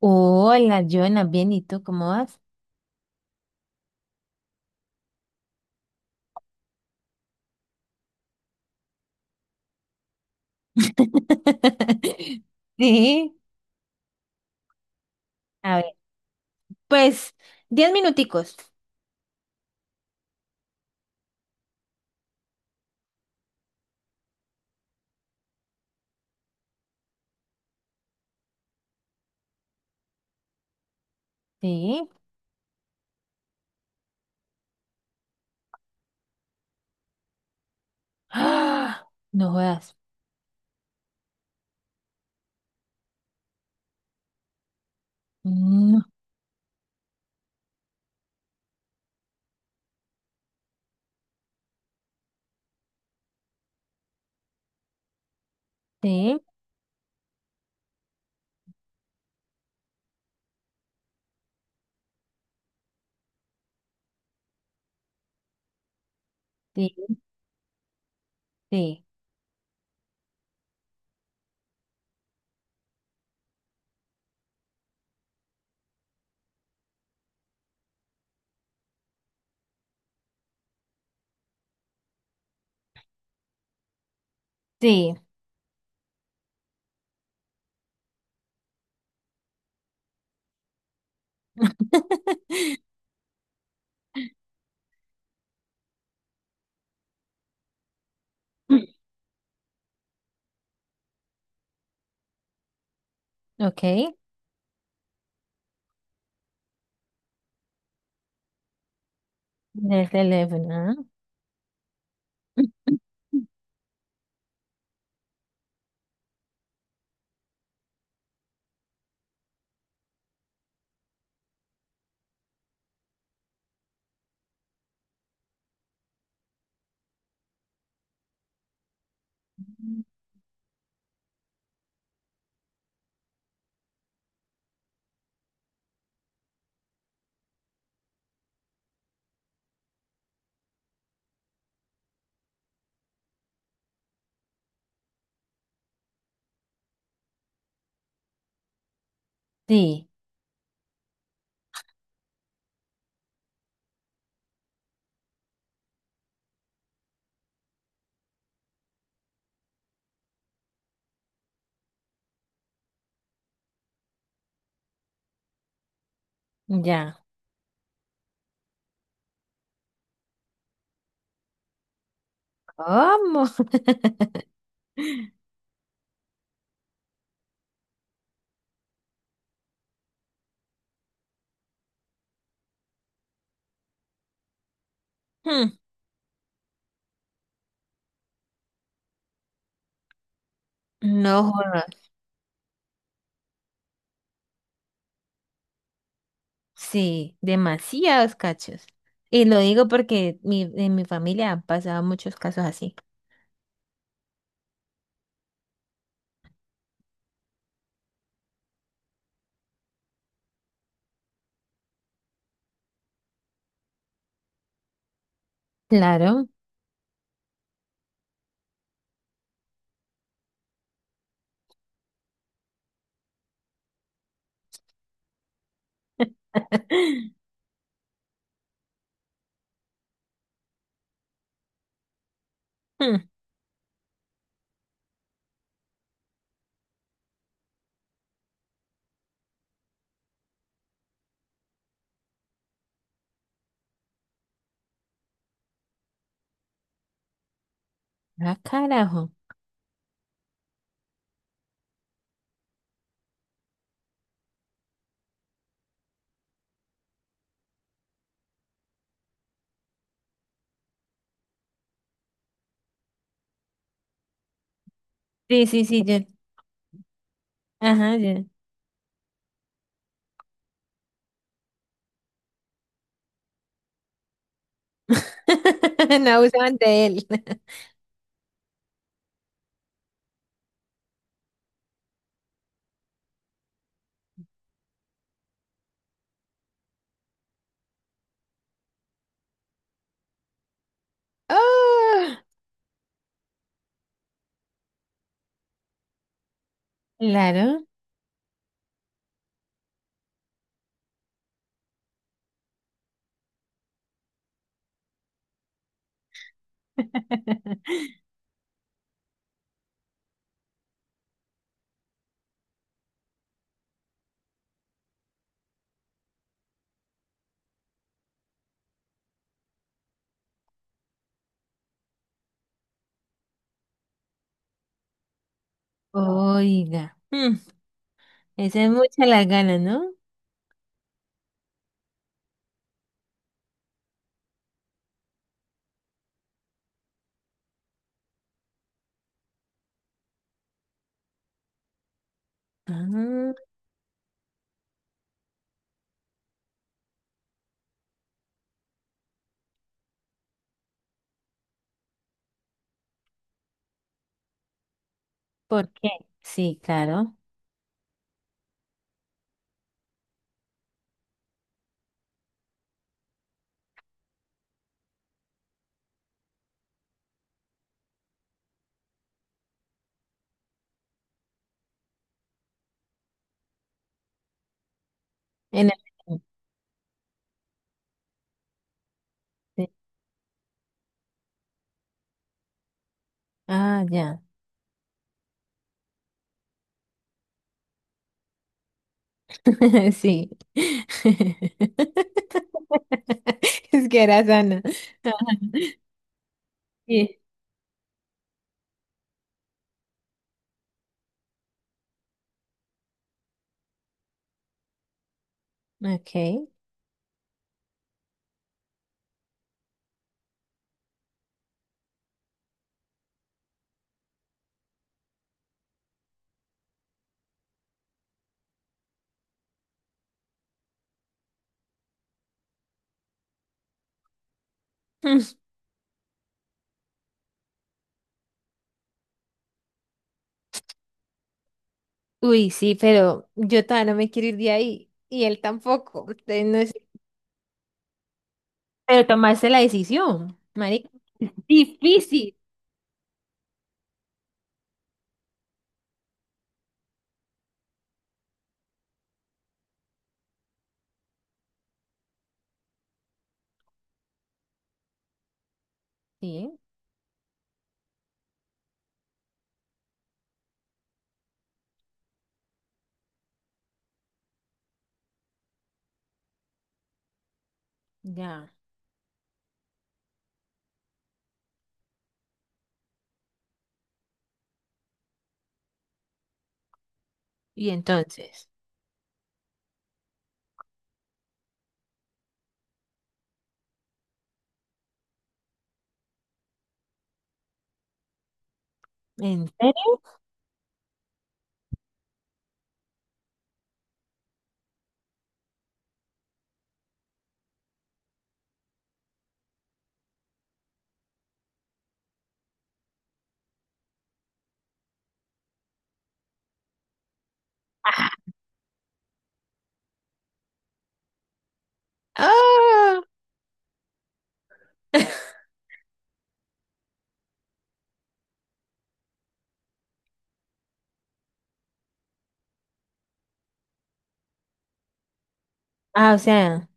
Hola, Joana, bien, ¿y tú cómo vas? Sí, a ver, pues, 10 minuticos. Sí. ¡Ah! No jodas. No. Sí, sí, sí, sí. Ok, del teléfono. Sí, ya. ¿Cómo? Hmm, No jodas. Sí, demasiados cachos. Y lo digo porque en mi familia han pasado muchos casos así. Claro. Hmm, ah, carajo. Sí, ya Ajá, ya. No abusaban de él. Ah, claro. Oiga. Hmm, esa es mucha la gana, ¿no? Ah, ¿por qué? Sí, claro. En el- sí. Ah, ya. Sí. Es que era sana. Sí. Ok. Mm. Uy, sí, pero yo todavía no me quiero ir de ahí. Y él tampoco. Entonces, no. Pero tomaste la decisión, marica. Difícil. Sí, ya. Y entonces, ¿en serio? ¡Ah! Ah, o sea,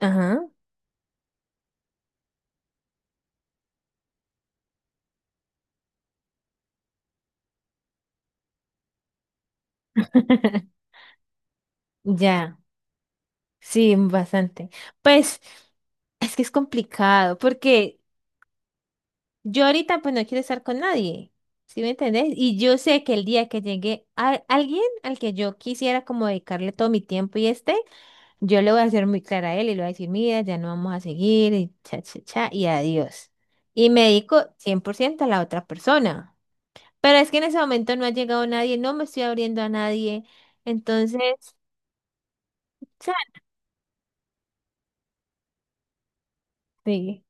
ajá. Ya, sí, bastante. Pues es que es complicado, porque yo ahorita pues no quiero estar con nadie, ¿sí me entendés? Y yo sé que el día que llegue a alguien al que yo quisiera como dedicarle todo mi tiempo y este, yo le voy a ser muy clara a él y le voy a decir, mira, ya no vamos a seguir, y cha, cha, cha, y adiós. Y me dedico 100% a la otra persona. Pero es que en ese momento no ha llegado nadie, no me estoy abriendo a nadie. Entonces, cha, sí.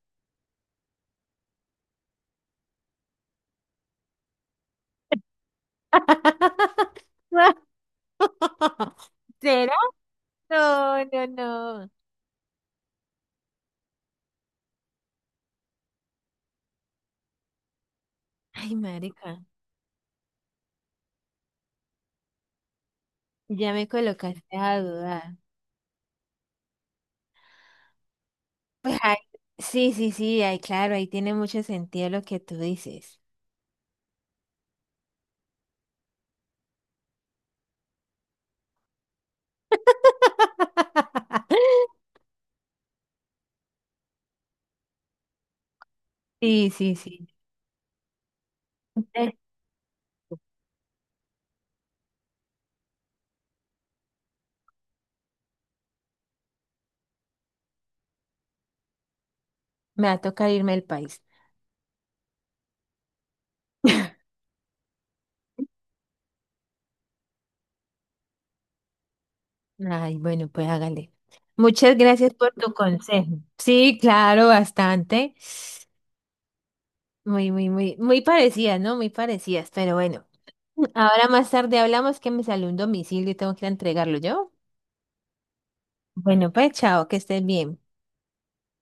¿Será? No, no, no. Ay, marica, ya me colocaste a dudar. Pues ay, sí, ay, claro, ahí tiene mucho sentido lo que tú dices. Sí. Eh, me va a tocar irme del país. Ay, bueno, pues hágale. Muchas gracias por tu consejo. Sí, claro, bastante. Muy, muy, muy, muy parecidas, ¿no? Muy parecidas, pero bueno. Ahora más tarde hablamos que me salió un domicilio y tengo que ir a entregarlo yo. Bueno, pues chao, que estés bien.